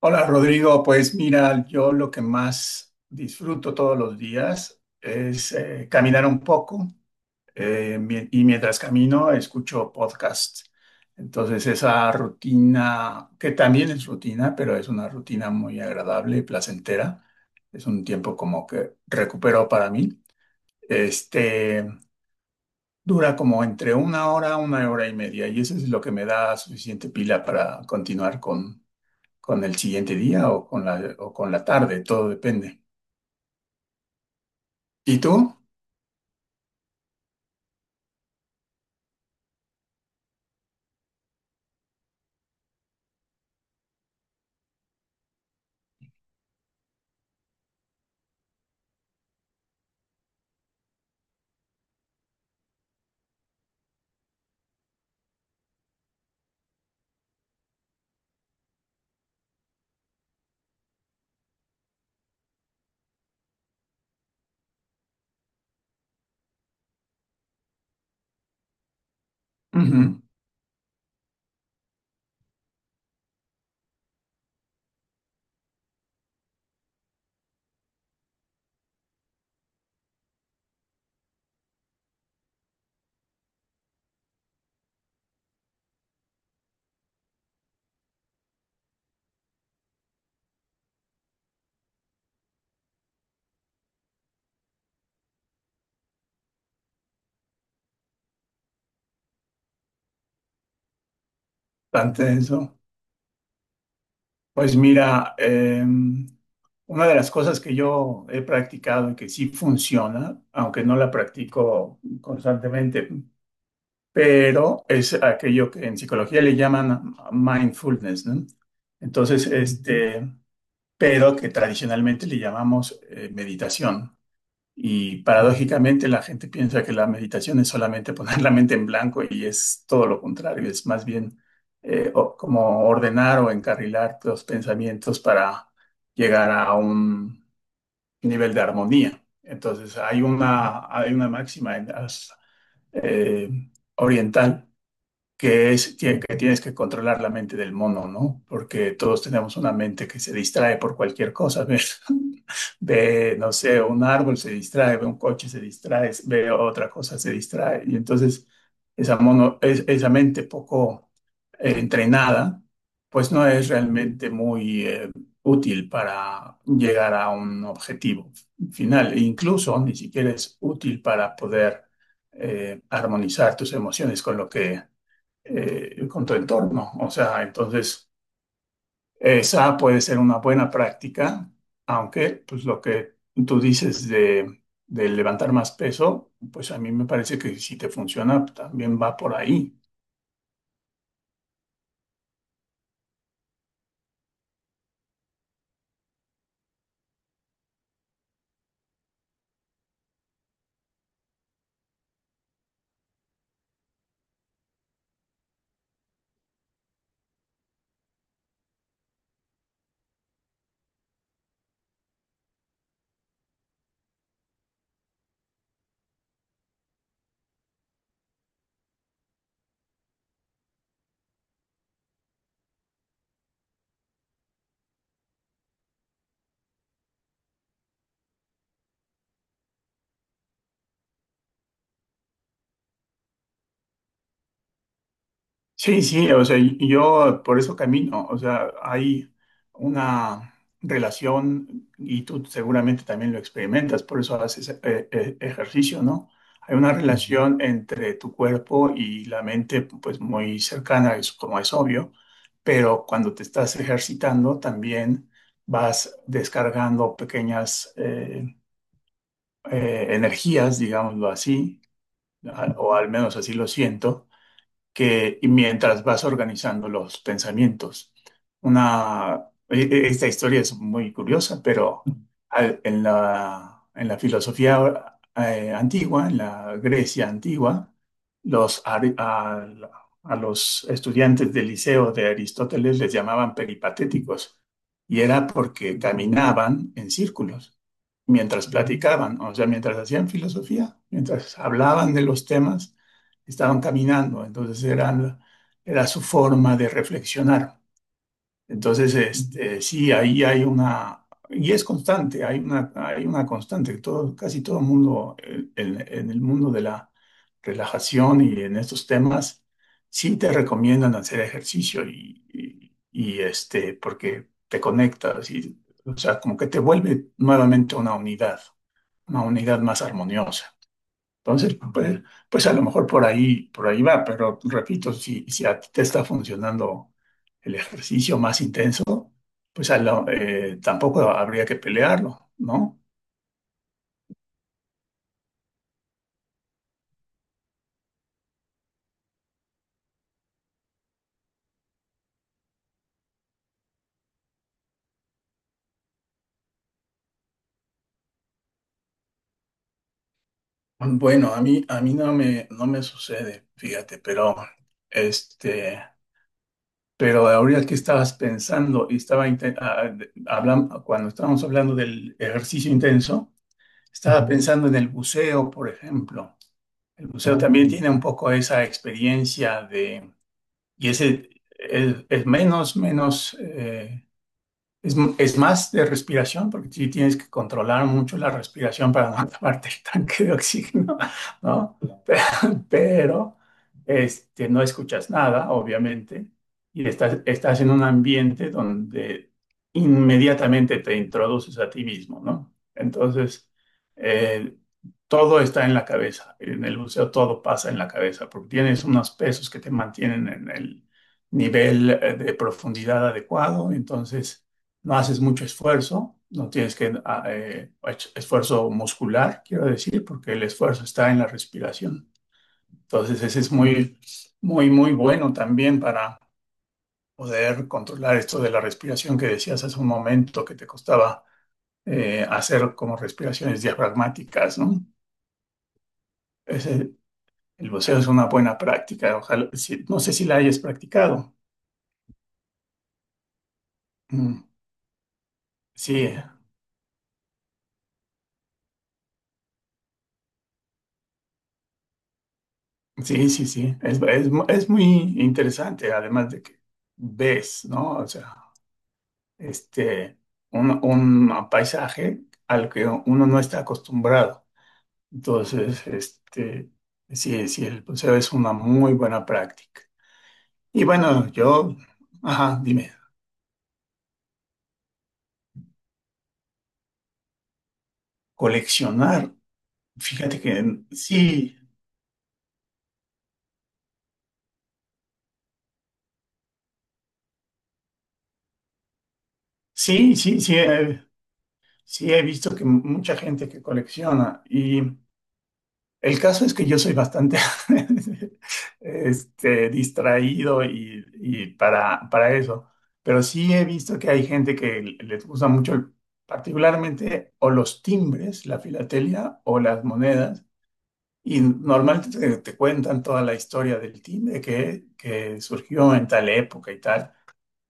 Hola Rodrigo, pues mira, yo lo que más disfruto todos los días es caminar un poco y mientras camino escucho podcasts. Entonces esa rutina, que también es rutina, pero es una rutina muy agradable y placentera, es un tiempo como que recupero para mí, este, dura como entre una hora y media y eso es lo que me da suficiente pila para continuar con el siguiente día o con la tarde, todo depende. ¿Y tú? Ujú, tan tenso. Pues mira, una de las cosas que yo he practicado y que sí funciona, aunque no la practico constantemente, pero es aquello que en psicología le llaman mindfulness, ¿no? Entonces, este, pero que tradicionalmente le llamamos meditación. Y paradójicamente la gente piensa que la meditación es solamente poner la mente en blanco y es todo lo contrario, es más bien como ordenar o encarrilar los pensamientos para llegar a un nivel de armonía. Entonces hay una máxima en las, eh, oriental que es que tienes que controlar la mente del mono, ¿no? Porque todos tenemos una mente que se distrae por cualquier cosa, ¿ves? Ve, no sé, un árbol se distrae, ve un coche se distrae, ve otra cosa se distrae. Y entonces esa mono, esa mente poco entrenada, pues no es realmente muy útil para llegar a un objetivo final. E incluso ni siquiera es útil para poder armonizar tus emociones con lo que con tu entorno. O sea, entonces, esa puede ser una buena práctica, aunque pues lo que tú dices de levantar más peso, pues a mí me parece que si te funciona, también va por ahí. Sí, sí, o sea, y yo por eso camino, o sea, hay una relación y tú seguramente también lo experimentas, por eso haces ejercicio, ¿no? Hay una. Ujú. Relación entre tu cuerpo y la mente, pues muy cercana, es como es obvio, pero cuando te estás ejercitando también vas descargando pequeñas energías, digámoslo así, o al menos así lo siento que y mientras vas organizando los pensamientos. Esta historia es muy curiosa, pero en la filosofía antigua, en la Grecia antigua, los, ari- a, a los estudiantes del liceo de Aristóteles les llamaban peripatéticos, y era porque caminaban en círculos mientras platicaban, o sea, mientras hacían filosofía, mientras hablaban de los temas estaban caminando, entonces era su forma de reflexionar. Sí, ahí hay una, y es constante, hay una constante, todo, casi todo el mundo en el mundo de la relajación y en estos temas, sí te recomiendan hacer ejercicio porque te conectas y, o sea, como que te vuelve nuevamente una unidad más armoniosa. Entonces, pues, pues a lo mejor por ahí va, pero repito, si, si a ti te está funcionando el ejercicio más intenso, pues tampoco habría que pelearlo, ¿no? Bueno, a mí no me, no me sucede, fíjate, pero este, pero ahorita que estabas pensando y estaba cuando estábamos hablando del ejercicio intenso, estaba. Ujú. Pensando en el buceo, por ejemplo. El buceo también tiene un poco esa experiencia. Y ese es menos, es más de respiración, porque sí tienes que controlar mucho la respiración para no acabarte el tanque de oxígeno, ¿no? Pero, pero, no escuchas nada, obviamente, y estás en un ambiente donde inmediatamente te introduces a ti mismo, ¿no? Entonces, eh, todo está en la cabeza. En el buceo todo pasa en la cabeza, porque tienes unos pesos que te mantienen en el nivel de profundidad adecuado, entonces no haces mucho esfuerzo, no tienes que esfuerzo muscular, quiero decir, porque el esfuerzo está en la respiración. Entonces, ese es muy, muy bueno también para poder controlar esto de la respiración que decías hace un momento que te costaba hacer como respiraciones diafragmáticas, ¿no? Ese- el buceo es una buena práctica, ojalá, no sé si la hayas practicado. Mm, sí, sí, sí, sí, es muy interesante, además de que ves, ¿no? O sea, este, un paisaje al que uno no está acostumbrado. Entonces, este, sí, sí, el buceo es una muy buena práctica. Y bueno, yo, ajá, dime, coleccionar, fíjate que sí, sí, sí, sí, sí he visto que mucha gente que colecciona y... El caso es que yo soy bastante distraído y para eso, pero sí he visto que hay gente que les gusta mucho, particularmente o los timbres, la filatelia o las monedas, y normalmente te cuentan toda la historia del timbre que surgió en tal época y tal.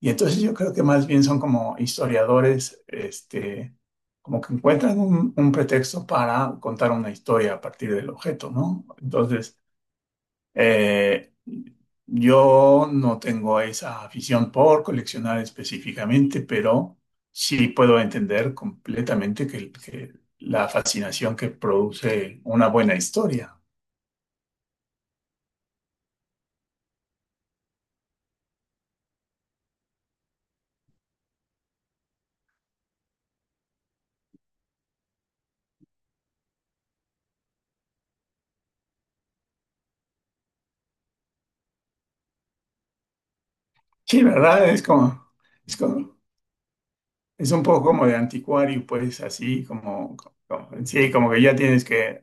Y entonces yo creo que más bien son como historiadores, como que encuentran un pretexto para contar una historia a partir del objeto, ¿no? Entonces, eh, yo no tengo esa afición por coleccionar específicamente, pero sí puedo entender completamente que la fascinación que produce una buena historia. Sí, ¿verdad? Es como Es un poco como de anticuario, pues así como, sí, como que ya tienes que,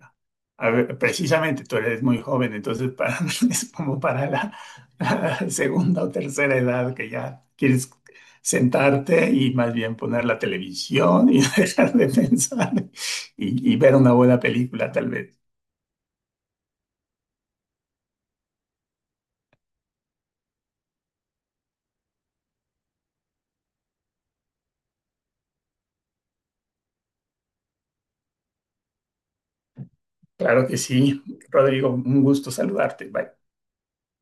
a ver, precisamente tú eres muy joven, entonces para, es como para la, la segunda o tercera edad que ya quieres sentarte y más bien poner la televisión y dejar de pensar y ver una buena película tal vez. Claro que sí, Rodrigo, un gusto saludarte. Bye.